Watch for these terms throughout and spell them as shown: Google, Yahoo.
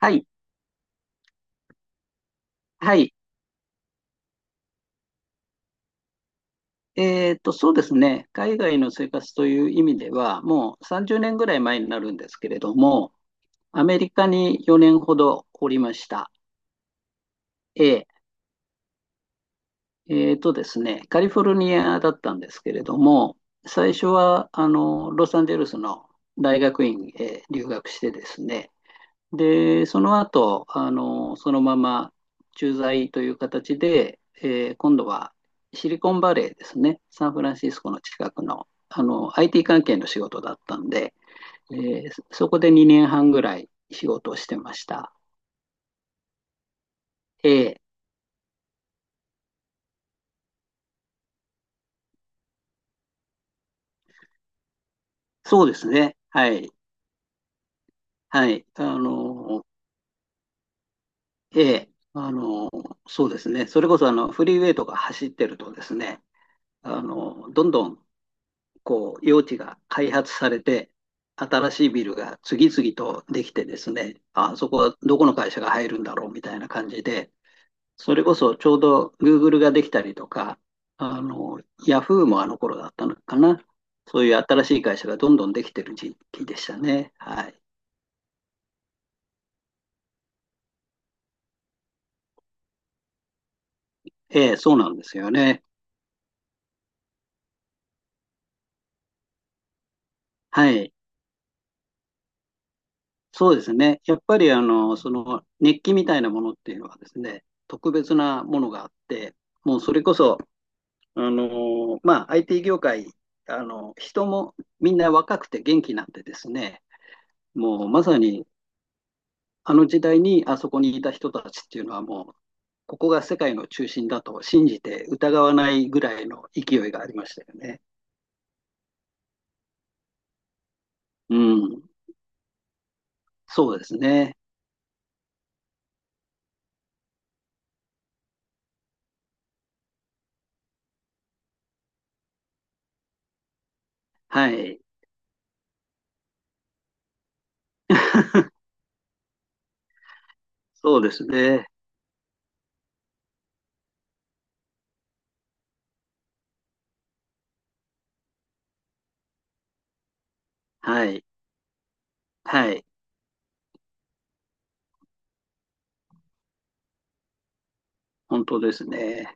はい、はい。そうですね。海外の生活という意味では、もう30年ぐらい前になるんですけれども、アメリカに4年ほどおりました。えっとですね、カリフォルニアだったんですけれども、最初は、ロサンゼルスの大学院へ留学してですね、で、その後、そのまま駐在という形で、今度はシリコンバレーですね、サンフランシスコの近くの、IT 関係の仕事だったんで、えそこで2年半ぐらい仕事をしてました。ええ、そうですね。はい。はい。ええ、あの、そうですね。それこそ、フリーウェイとか走ってるとですね、どんどんこう、用地が開発されて、新しいビルが次々とできてですね、あそこはどこの会社が入るんだろうみたいな感じで、それこそちょうど Google ができたりとか、あの、Yahoo もあの頃だったのかな。そういう新しい会社がどんどんできてる時期でしたね。はい。ええ、そうなんですよね。はい。そうですね。やっぱりその熱気みたいなものっていうのはですね、特別なものがあって、もうそれこそIT 業界、人もみんな若くて元気なんでですね、もうまさにあの時代にあそこにいた人たちっていうのはもう、ここが世界の中心だと信じて疑わないぐらいの勢いがありましたよね。うん、そうですね。はい。そうですね。はい。はい。本当ですね。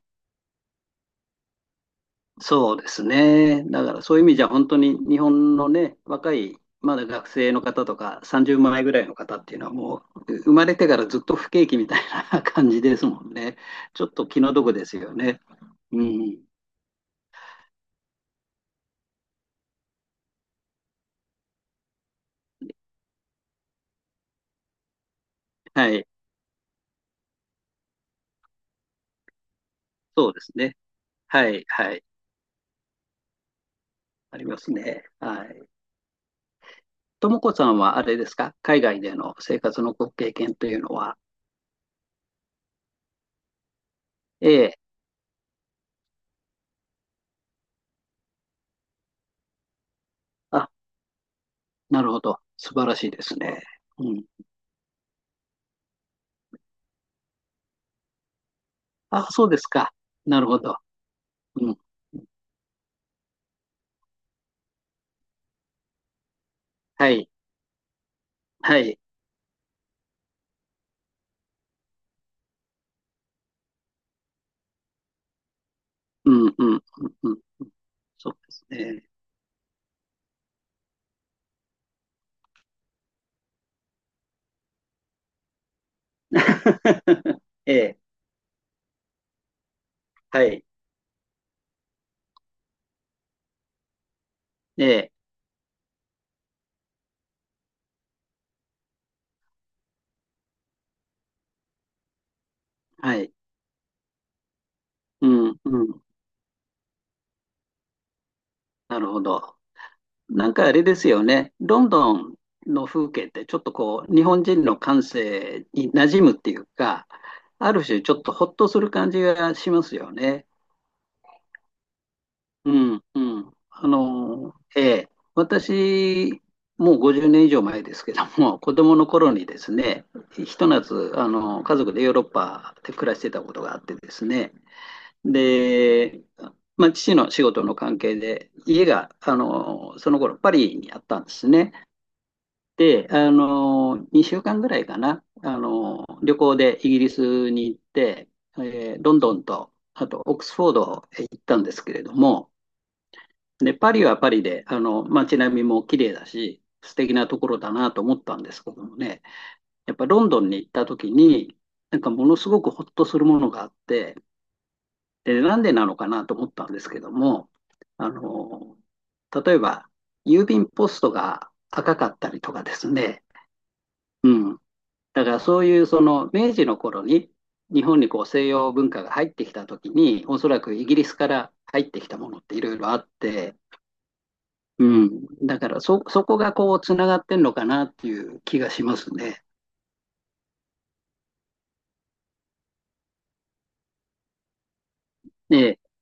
そうですね。だからそういう意味じゃ本当に日本のね、若い、まだ学生の方とか30前ぐらいの方っていうのはもう生まれてからずっと不景気みたいな 感じですもんね。ちょっと気の毒ですよね。うん。はい。そうですね。はい。はい。ありますね。はい。ともこさんはあれですか、海外での生活のご経験というのは。ええ。あ、なるほど。素晴らしいですね。うん。あ、そうですか。なるほど。うん。はい。はい。うんうんうんうん。そうですね。ええ、はい。ええ、はい。うんうん。なるほど。なんかあれですよね。ロンドンの風景ってちょっとこう、日本人の感性に馴染むっていうか、ある種ちょっとほっとする感じがしますよね。うん、うん。私、もう50年以上前ですけども、子供の頃にですね、ひと夏、家族でヨーロッパで暮らしてたことがあってですね、で、まあ、父の仕事の関係で、家が、その頃パリにあったんですね。で、2週間ぐらいかな、旅行でイギリスに行って、ロンドンと、あとオックスフォードへ行ったんですけれども、で、パリはパリで、街並みも綺麗だし、素敵なところだなと思ったんですけどもね、やっぱロンドンに行った時に、なんかものすごくほっとするものがあって、で、なんでなのかなと思ったんですけども、あの、例えば、郵便ポストが赤かったりとかですね、うん。だからそういうその明治の頃に日本にこう西洋文化が入ってきた時におそらくイギリスから入ってきたものっていろいろあって、うん。だから、そこがこう、つながってんのかなっていう気がしますね。ええ。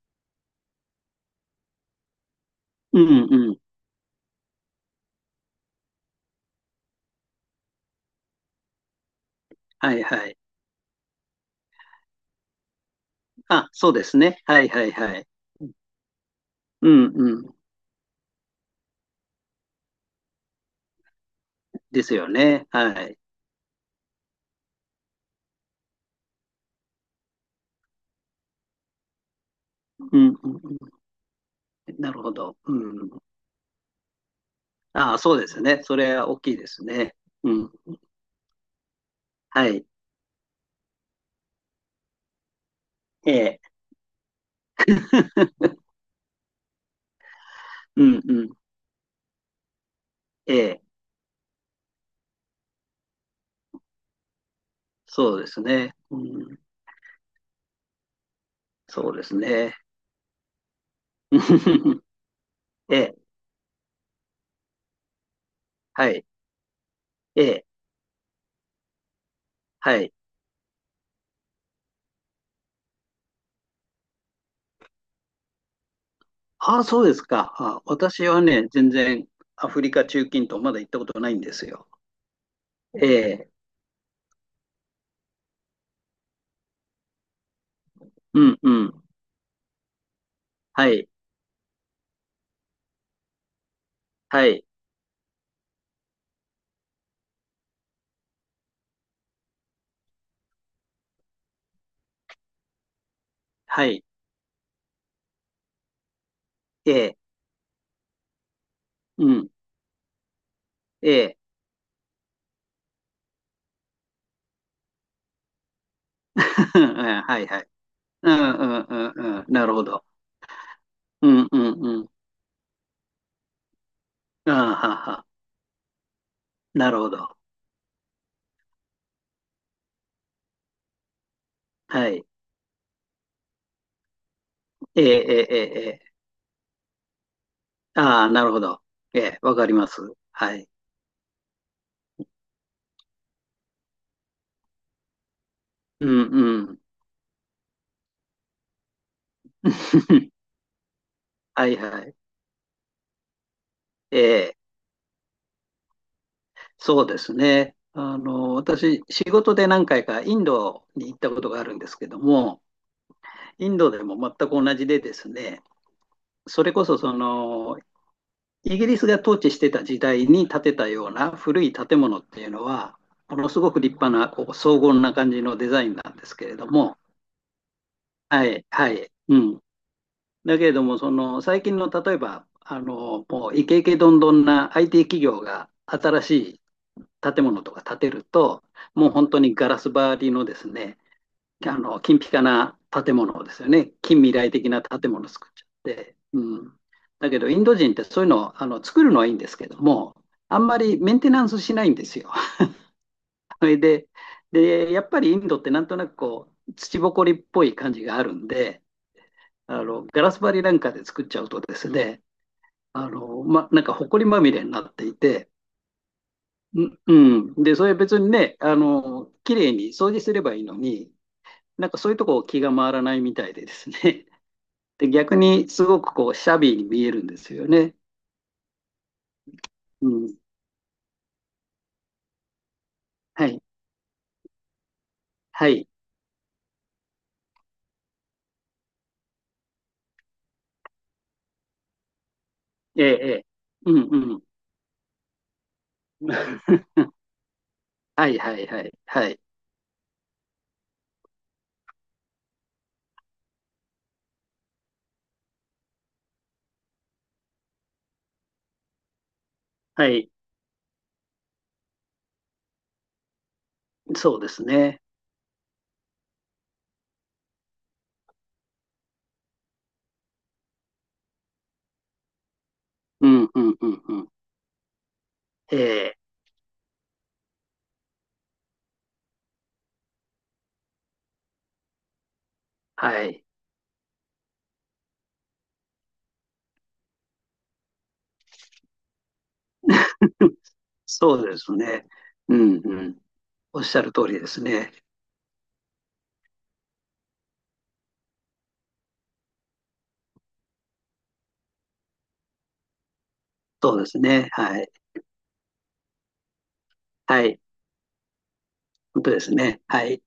うんうん。はいはい。あ、そうですね。はいはいはい。うんうん。ですよね。はい。うんうんうん。なるほど。うん。ああ、そうですね。それは大きいですね。うん。はい。ええ。うんうん。ええ。そうですね。うん。そうですね。ええ。はい。ええ。はい。ああ、そうですか。あ、私はね、全然アフリカ、中近東、まだ行ったことないんですよ。ええ、うん、うん。はい、はい、はい、ええ、うん、ええ、うん、はい、はい。うん、うん、うん、うん、なるほど。うん、うん、うん。ああ、はは、なるほど。はい。ええ、ええ、ええ、ええ、ああ、なるほど。ええ、わかります。はい。うん、うん。はい、はい。ええ。そうですね。私、仕事で何回かインドに行ったことがあるんですけども、インドでも全く同じでですね、それこそその、イギリスが統治してた時代に建てたような古い建物っていうのは、ものすごく立派な、こう、荘厳な感じのデザインなんですけれども、はい、はい、うん。だけれども、その、最近の例えば、もうイケイケどんどんな IT 企業が新し建物とか建てると、もう本当にガラス張りのですね、金ピカな建物ですよね、近未来的な建物を作っちゃって、うん、だけど、インド人ってそういうのを作るのはいいんですけども、あんまりメンテナンスしないんですよ。それで、で、やっぱりインドってなんとなくこう土ぼこりっぽい感じがあるんで、ガラス張りなんかで作っちゃうとですね、なんか埃まみれになっていて、ううん。で、それ別にね、綺麗に掃除すればいいのに、なんかそういうとこ気が回らないみたいでですね。で、逆にすごくこう、シャビーに見えるんですよね。うん。はい。はい。ええ、ええ。うんうん。はいはいはい。はい。はい。そうですね。うんうんうんうん。ええ、はい。そうですね。うんうん。おっしゃる通りですね。そうですね。はい。はい。本当ですね。はい。